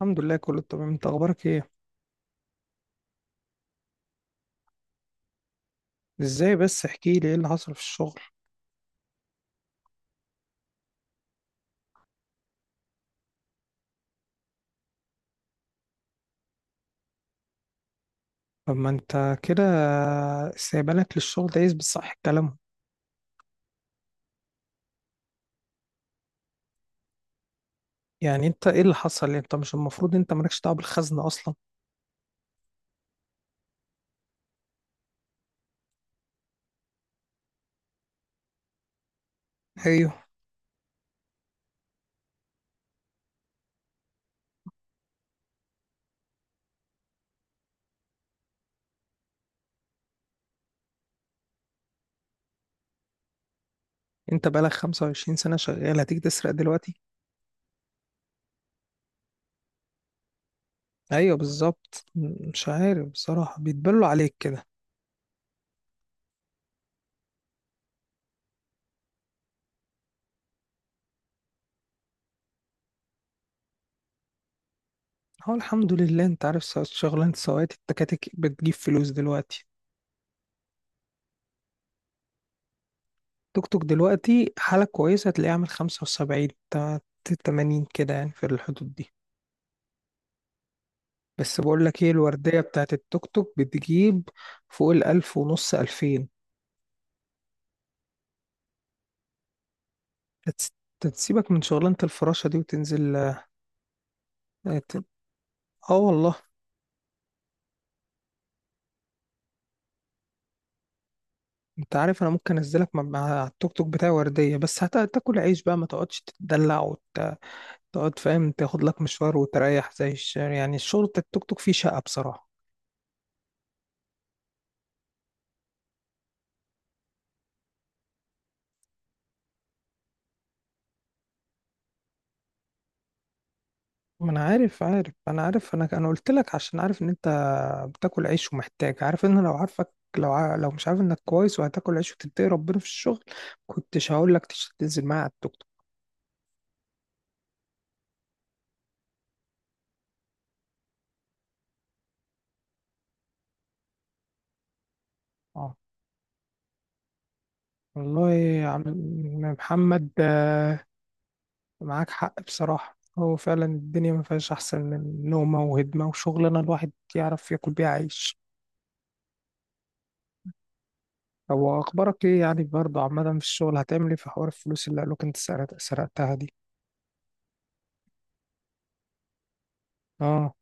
الحمد لله، كله تمام. انت اخبارك ايه؟ ازاي؟ بس احكي لي ايه اللي حصل في الشغل. طب ما انت كده استقبالك للشغل ده يثبت صح كلامه. يعني انت ايه اللي حصل؟ يعني انت مش المفروض، انت مالكش دعوه بالخزنه اصلا. ايوه. انت بقالك 25 سنه شغال، هتيجي تسرق دلوقتي؟ ايوه، بالظبط. مش عارف بصراحه، بيتبلوا عليك كده. هو الحمد لله. انت عارف شغلانه سواقة التكاتك بتجيب فلوس دلوقتي. توك توك دلوقتي حاله كويسه، هتلاقيه عامل 75 80 كده، يعني في الحدود دي. بس بقول لك ايه، الوردية بتاعت التوك توك بتجيب فوق 1500، 2000. هتس- هتسيبك من شغلانة الفراشة دي وتنزل. اه. ت- والله، انت عارف انا ممكن انزلك مع التوك توك بتاعي وردية، بس هتاكل عيش بقى، ما تقعدش تتدلع وتقعد، فاهم؟ تاخد لك مشوار وتريح زي يعني الشغل بتاع التوك توك فيه شقة بصراحة. ما انا عارف، انا قلت لك عشان عارف ان انت بتاكل عيش ومحتاج، عارف ان لو عارفك، لو مش عارف انك كويس وهتاكل عيش وتتقي ربنا في الشغل، كنتش هقول لك تنزل معايا على التوك توك. اه والله يا عم محمد. معاك حق بصراحة. هو فعلا الدنيا ما فيهاش احسن من نومة وهدمة وشغلانة الواحد يعرف ياكل بيها عيش. هو اخبارك ايه يعني برضه عامة؟ في الشغل هتعمل ايه في حوار الفلوس اللي قالوك انت سرقتها دي؟ اه.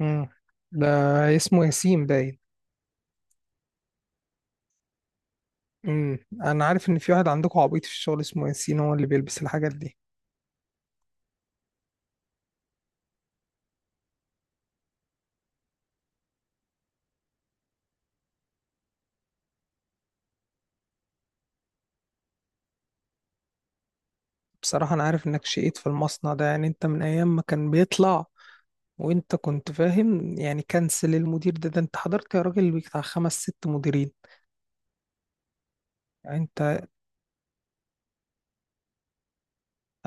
امم ده اسمه ياسين باين. انا عارف ان في واحد عندكم عبيط في الشغل اسمه ياسين، هو اللي بيلبس الحاجات دي. بصراحة انا عارف انك شقيت في المصنع ده، يعني انت من ايام ما كان بيطلع وانت كنت فاهم. يعني كنسل المدير ده انت حضرت يا راجل بتاع خمس ست مديرين. يعني انت،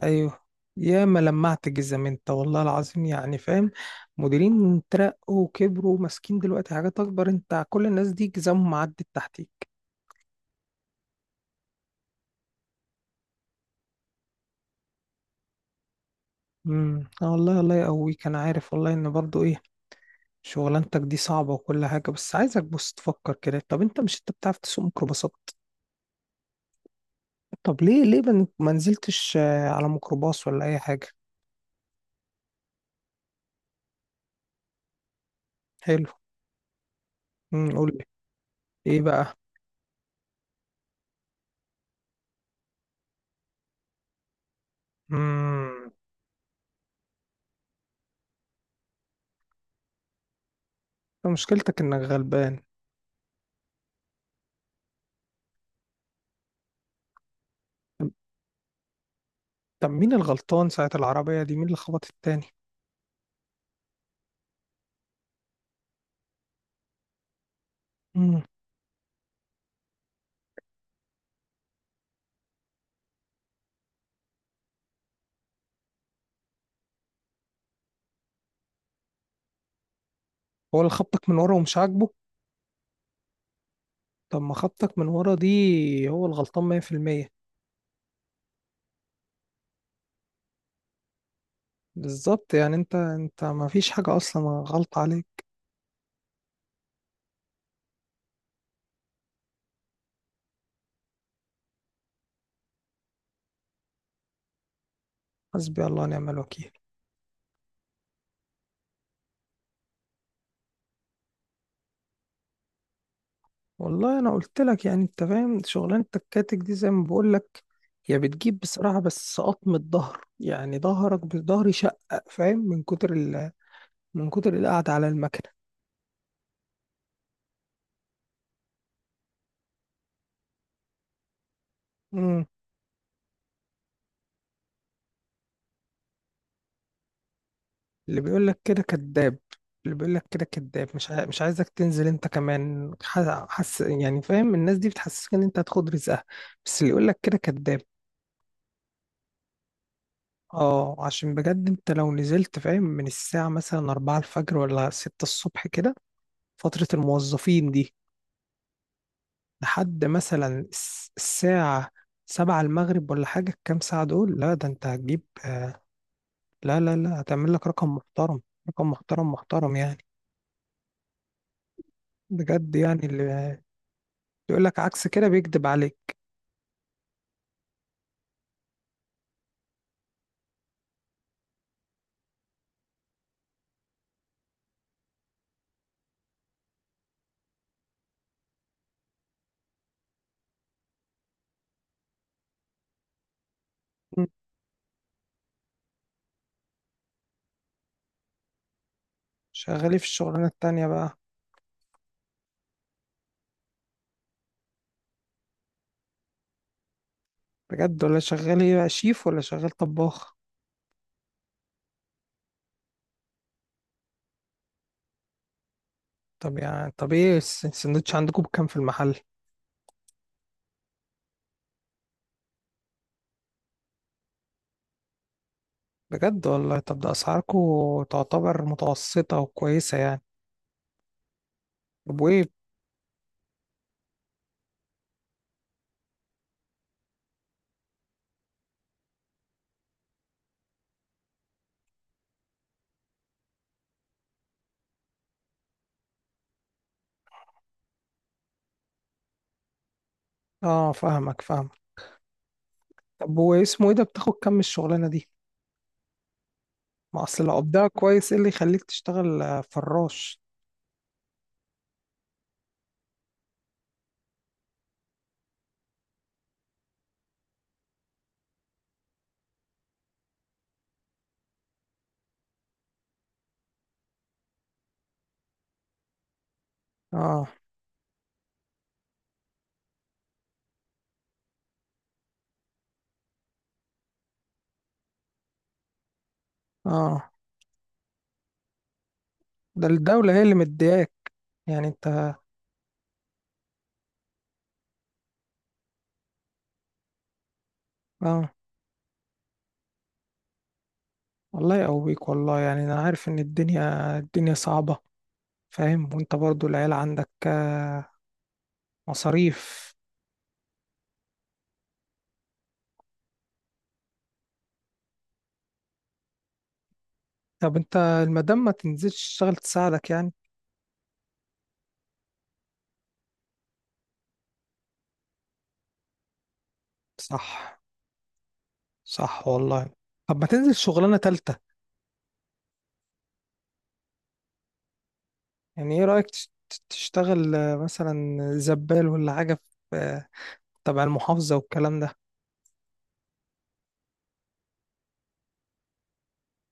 ايوه، يا ما لمعت جزم انت والله العظيم، يعني فاهم، مديرين ترقوا وكبروا وماسكين دلوقتي حاجات اكبر، انت كل الناس دي جزمهم عدت تحتيك. والله الله يقويك. انا عارف والله ان برضو ايه، شغلانتك دي صعبة وكل حاجة، بس عايزك بص تفكر كده. طب انت مش انت بتعرف تسوق ميكروباصات؟ طب ليه، ما نزلتش على ميكروباص ولا اي حاجة؟ حلو. قول لي. ايه بقى؟ امم انت مشكلتك انك غلبان. طب، مين الغلطان ساعة العربية دي؟ مين اللي خبط التاني؟ امم هو اللي خبطك من ورا ومش عاجبه؟ طب ما خبطك من ورا دي، هو الغلطان 100%. بالظبط، يعني انت ما فيش حاجة اصلا. غلط عليك. حسبي الله ونعم الوكيل. والله انا قلت لك، يعني انت فاهم شغلانه الكاتك دي زي ما بقول لك، هي بتجيب بصراحه، بس قطم الظهر، يعني ظهرك بظهري شقق، فاهم، من كتر القعده على المكنه. امم اللي بيقول لك كده كذاب، اللي بيقول لك كده كذاب. مش عايزك تنزل انت كمان. حس يعني، فاهم، الناس دي بتحسسك ان انت هتاخد رزقها، بس اللي يقول لك كده كذاب. اه، عشان بجد انت لو نزلت، فاهم، من الساعه مثلا 4 الفجر ولا 6 الصبح كده، فتره الموظفين دي، لحد مثلا الساعة 7 المغرب ولا حاجة، الكام ساعة دول، لا ده انت هتجيب، لا لا لا، هتعمل لك رقم محترم، رقم محترم، محترم يعني، بجد، يعني اللي يقول لك عكس كده بيكذب عليك. مم. شغال ايه في الشغلانة التانية بقى؟ بجد؟ ولا شغال ايه بقى، شيف ولا شغال طباخ؟ طب يعني، طب ايه السندوتش عندكم بكام في المحل؟ بجد والله؟ طب ده اسعاركم تعتبر متوسطة وكويسة يعني. طب وايه؟ اه، فاهمك، فاهمك. طب هو اسمه ايه ده؟ بتاخد كام من الشغلانه دي؟ ما اصل لو قبضها كويس، ايه اللي يخليك تشتغل فراش؟ اه. اه، ده الدوله هي اللي مدياك، يعني انت. اه، الله يقويك بيك والله، يعني انا عارف ان الدنيا، الدنيا صعبة، فاهم، وانت برضو العيال عندك مصاريف. طب انت المدام ما تنزلش تشتغل تساعدك يعني؟ صح. صح والله. طب ما تنزل شغلانة تالتة، يعني ايه رأيك؟ تشتغل مثلا زبال ولا حاجة في تبع المحافظة والكلام ده.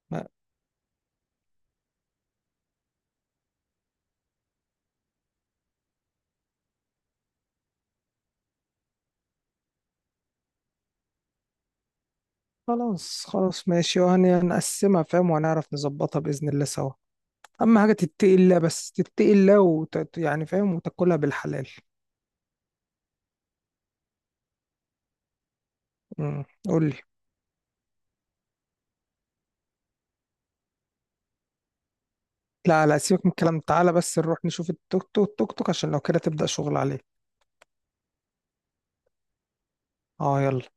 ما- خلاص، خلاص ماشي، وهنقسمها فاهم، وهنعرف نظبطها بإذن الله سوا. أهم حاجة تتقي الله، بس تتقي الله يعني فاهم، وتاكلها بالحلال. قول لي. لا، لا سيبك من الكلام، تعالى بس نروح نشوف التوك توك، عشان لو كده تبدأ شغل عليه. اه يلا.